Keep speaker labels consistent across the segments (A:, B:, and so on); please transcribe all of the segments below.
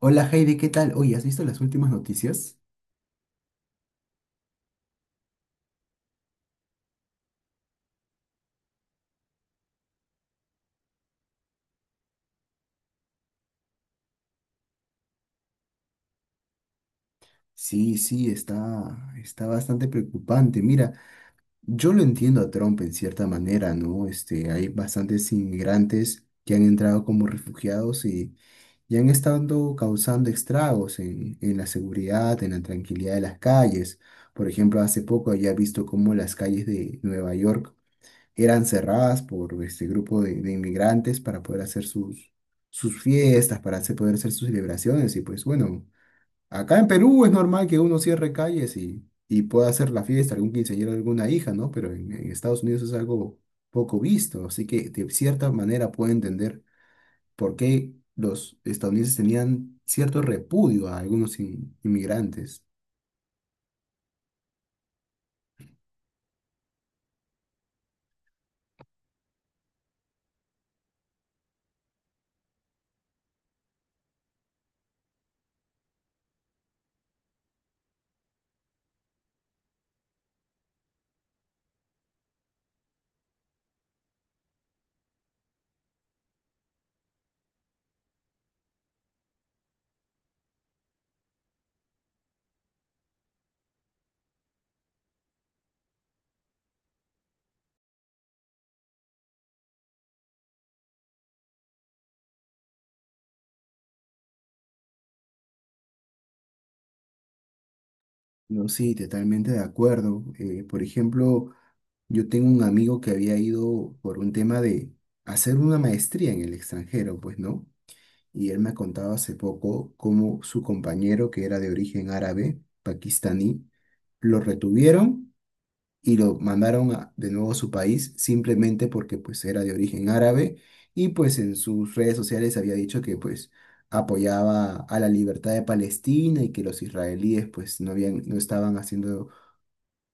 A: Hola Heidi, ¿qué tal? Oye, ¿has visto las últimas noticias? Sí, sí, está bastante preocupante. Mira, yo lo entiendo a Trump en cierta manera, ¿no? Este, hay bastantes inmigrantes que han entrado como refugiados y, han estado causando estragos en la seguridad, en la tranquilidad de las calles. Por ejemplo, hace poco ya he visto cómo las calles de Nueva York eran cerradas por este grupo de inmigrantes para poder hacer sus fiestas, poder hacer sus celebraciones. Y pues bueno, acá en Perú es normal que uno cierre calles y, pueda hacer la fiesta, algún quinceañero, alguna hija, ¿no? Pero en Estados Unidos es algo poco visto, así que de cierta manera puedo entender por qué los estadounidenses tenían cierto repudio a algunos inmigrantes. No, sí, totalmente de acuerdo. Por ejemplo, yo tengo un amigo que había ido por un tema de hacer una maestría en el extranjero, pues, ¿no? Y él me ha contado hace poco cómo su compañero, que era de origen árabe, pakistaní, lo retuvieron y lo mandaron de nuevo a su país simplemente porque pues era de origen árabe y pues en sus redes sociales había dicho que pues apoyaba a la libertad de Palestina y que los israelíes pues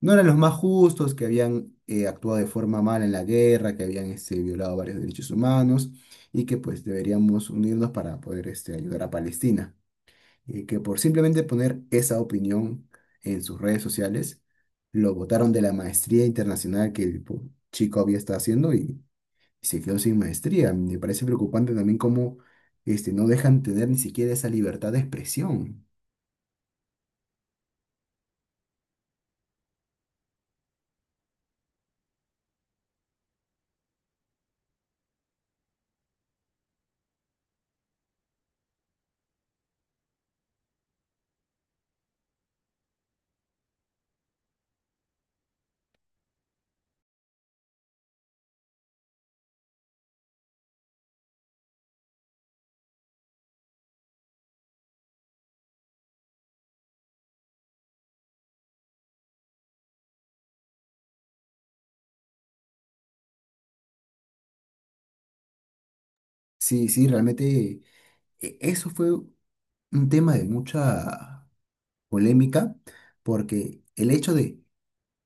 A: no eran los más justos, que habían actuado de forma mala en la guerra, que habían violado varios derechos humanos y que pues deberíamos unirnos para poder ayudar a Palestina y que por simplemente poner esa opinión en sus redes sociales, lo botaron de la maestría internacional que el chico había estado haciendo y, se quedó sin maestría. Me parece preocupante también cómo no dejan tener ni siquiera esa libertad de expresión. Sí, sí, realmente eso fue un tema de mucha polémica porque el hecho de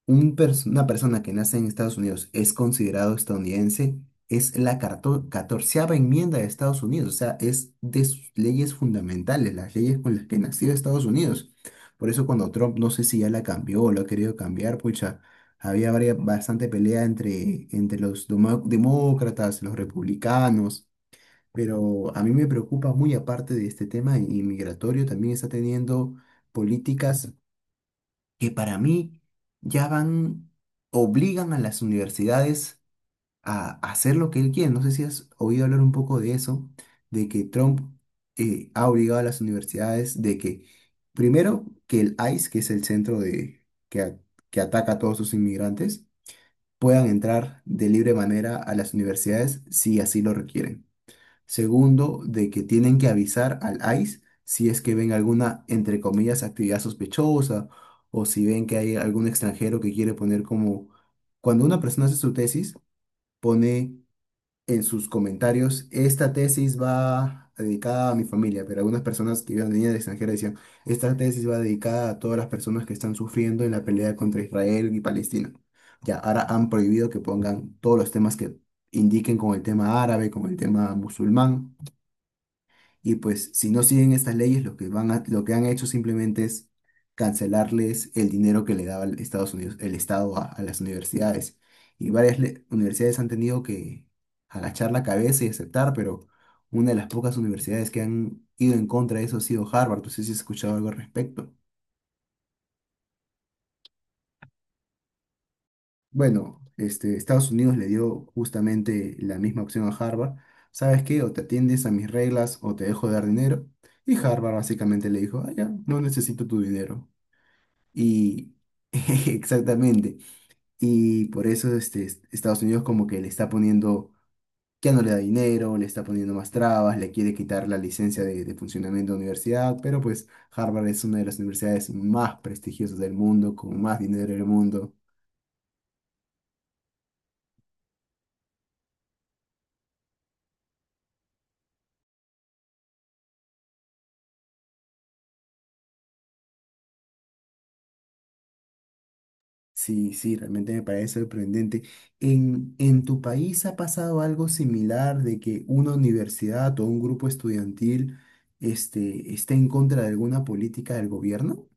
A: una persona que nace en Estados Unidos es considerado estadounidense, es la 14.ª enmienda de Estados Unidos, o sea, es de sus leyes fundamentales, las leyes con las que nació Estados Unidos. Por eso cuando Trump, no sé si ya la cambió o lo ha querido cambiar, pucha, había bastante pelea entre los demócratas, los republicanos, pero a mí me preocupa muy aparte de este tema inmigratorio, también está teniendo políticas que para mí ya van, obligan a las universidades a hacer lo que él quiere. No sé si has oído hablar un poco de eso, de que Trump ha obligado a las universidades de que, primero, que el ICE, que es el centro que, a- que ataca a todos sus inmigrantes, puedan entrar de libre manera a las universidades si así lo requieren. Segundo, de que tienen que avisar al ICE si es que ven alguna, entre comillas, actividad sospechosa o si ven que hay algún extranjero que quiere poner como... Cuando una persona hace su tesis, pone en sus comentarios, esta tesis va dedicada a mi familia, pero algunas personas que vivían de niñas extranjeras decían, esta tesis va dedicada a todas las personas que están sufriendo en la pelea contra Israel y Palestina. Ya, ahora han prohibido que pongan todos los temas que indiquen con el tema árabe, con el tema musulmán y pues si no siguen estas leyes, lo que lo que han hecho simplemente es cancelarles el dinero que le daba el Estados Unidos, el Estado a las universidades. Y varias universidades han tenido que agachar la cabeza y aceptar, pero una de las pocas universidades que han ido en contra de eso ha sido Harvard. No sé si has escuchado algo al respecto. Bueno, este, Estados Unidos le dio justamente la misma opción a Harvard. ¿Sabes qué? O te atiendes a mis reglas o te dejo de dar dinero. Y Harvard básicamente le dijo, ah, ya, no necesito tu dinero. Y exactamente. Y por eso este, Estados Unidos como que le está poniendo, ya no le da dinero, le está poniendo más trabas, le quiere quitar la licencia de funcionamiento de universidad, pero pues Harvard es una de las universidades más prestigiosas del mundo, con más dinero del mundo. Sí, sí, realmente me parece sorprendente. ¿En tu país ha pasado algo similar de que una universidad o un grupo estudiantil este, esté en contra de alguna política del gobierno?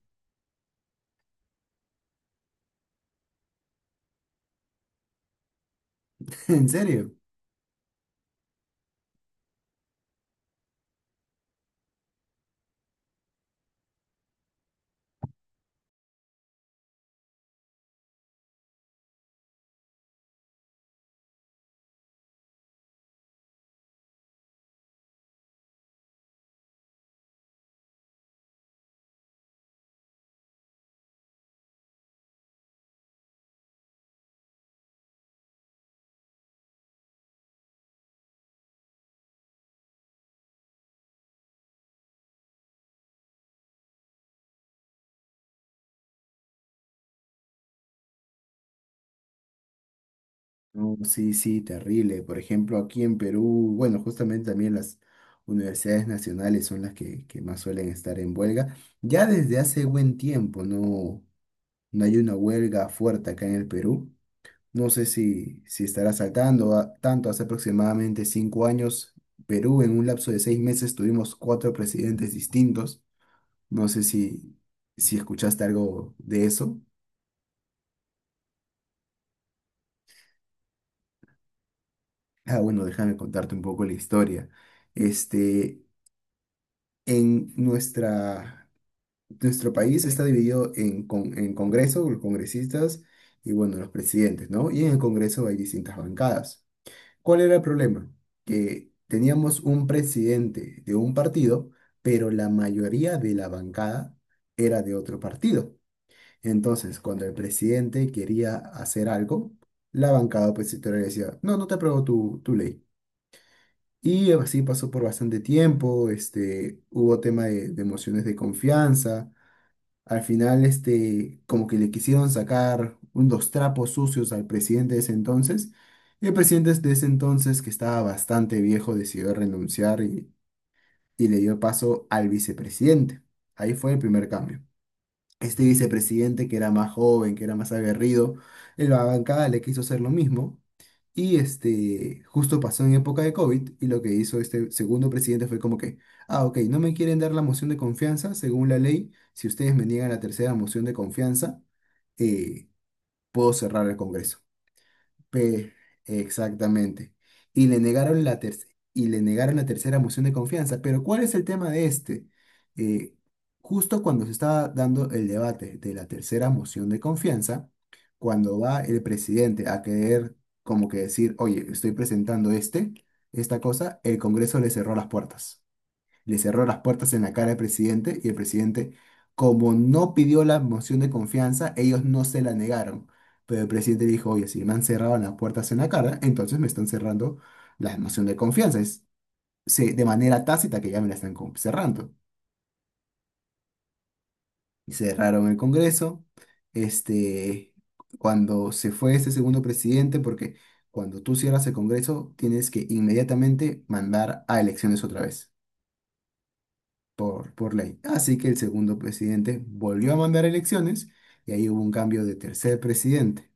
A: ¿En serio? No, sí, sí, terrible. Por ejemplo, aquí en Perú, bueno, justamente también las universidades nacionales son las que más suelen estar en huelga. Ya desde hace buen tiempo no, no hay una huelga fuerte acá en el Perú. No sé si estará tanto. Hace aproximadamente 5 años, Perú en un lapso de 6 meses tuvimos 4 presidentes distintos. No sé si escuchaste algo de eso. Ah, bueno, déjame contarte un poco la historia. Este, En nuestro país está dividido en Congreso, los congresistas y bueno, los presidentes, ¿no? Y en el Congreso hay distintas bancadas. ¿Cuál era el problema? Que teníamos un presidente de un partido, pero la mayoría de la bancada era de otro partido. Entonces, cuando el presidente quería hacer algo, la bancada opositora le decía, no, no te apruebo tu ley. Y así pasó por bastante tiempo, hubo tema de emociones de confianza. Al final, como que le quisieron sacar unos trapos sucios al presidente de ese entonces. Y el presidente de ese entonces, que estaba bastante viejo, decidió renunciar y, le dio paso al vicepresidente. Ahí fue el primer cambio. Este vicepresidente, que era más joven, que era más aguerrido, en la bancada le quiso hacer lo mismo y justo pasó en época de COVID y lo que hizo este segundo presidente fue como que, ah, ok, no me quieren dar la moción de confianza, según la ley, si ustedes me niegan la tercera moción de confianza, eh, puedo cerrar el Congreso. Pe- Exactamente. Y le negaron la tercera y le negaron la tercera moción de confianza. Pero ¿cuál es el tema de este? Eh, Justo cuando se estaba dando el debate de la tercera moción de confianza, cuando va el presidente a querer como que decir, oye, estoy presentando esta cosa, el Congreso le cerró las puertas en la cara al presidente y el presidente, como no pidió la moción de confianza, ellos no se la negaron. Pero el presidente dijo, oye, si me han cerrado las puertas en la cara, entonces me están cerrando la moción de confianza. Es de manera tácita que ya me la están cerrando. Y cerraron el Congreso. Este, Cuando se fue este segundo presidente, porque cuando tú cierras el Congreso, tienes que inmediatamente mandar a elecciones otra vez. Por ley. Así que el segundo presidente volvió a mandar elecciones y ahí hubo un cambio de tercer presidente.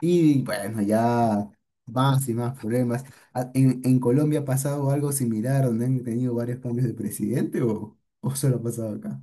A: Y bueno, ya más y más problemas. Ah, ¿En Colombia ha pasado algo similar donde han tenido varios cambios de presidente o solo ha pasado acá?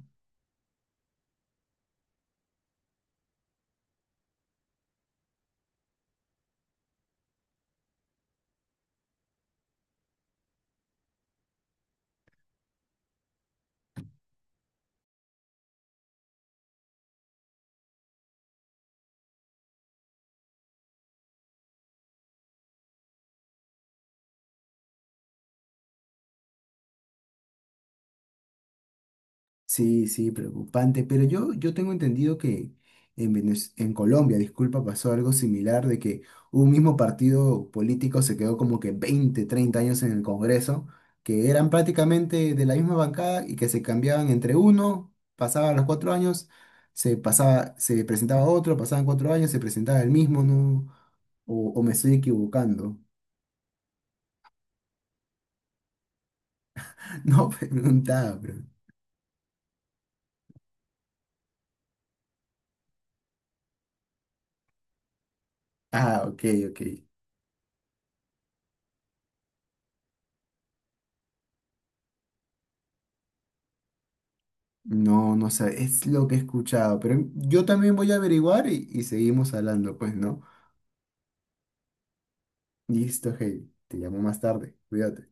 A: Sí, sí, preocupante. Pero yo tengo entendido que en Colombia, disculpa, pasó algo similar de que un mismo partido político se quedó como que 20, 30 años en el Congreso, que eran prácticamente de la misma bancada y que se cambiaban entre uno, pasaban los 4 años, se pasaba, se presentaba otro, pasaban 4 años, se presentaba el mismo, ¿no? O me estoy equivocando. No preguntaba, pero. Ah, ok, ok. No, no sé, es lo que he escuchado, pero yo también voy a averiguar y, seguimos hablando, pues, ¿no? Listo, hey, te llamo más tarde, cuídate.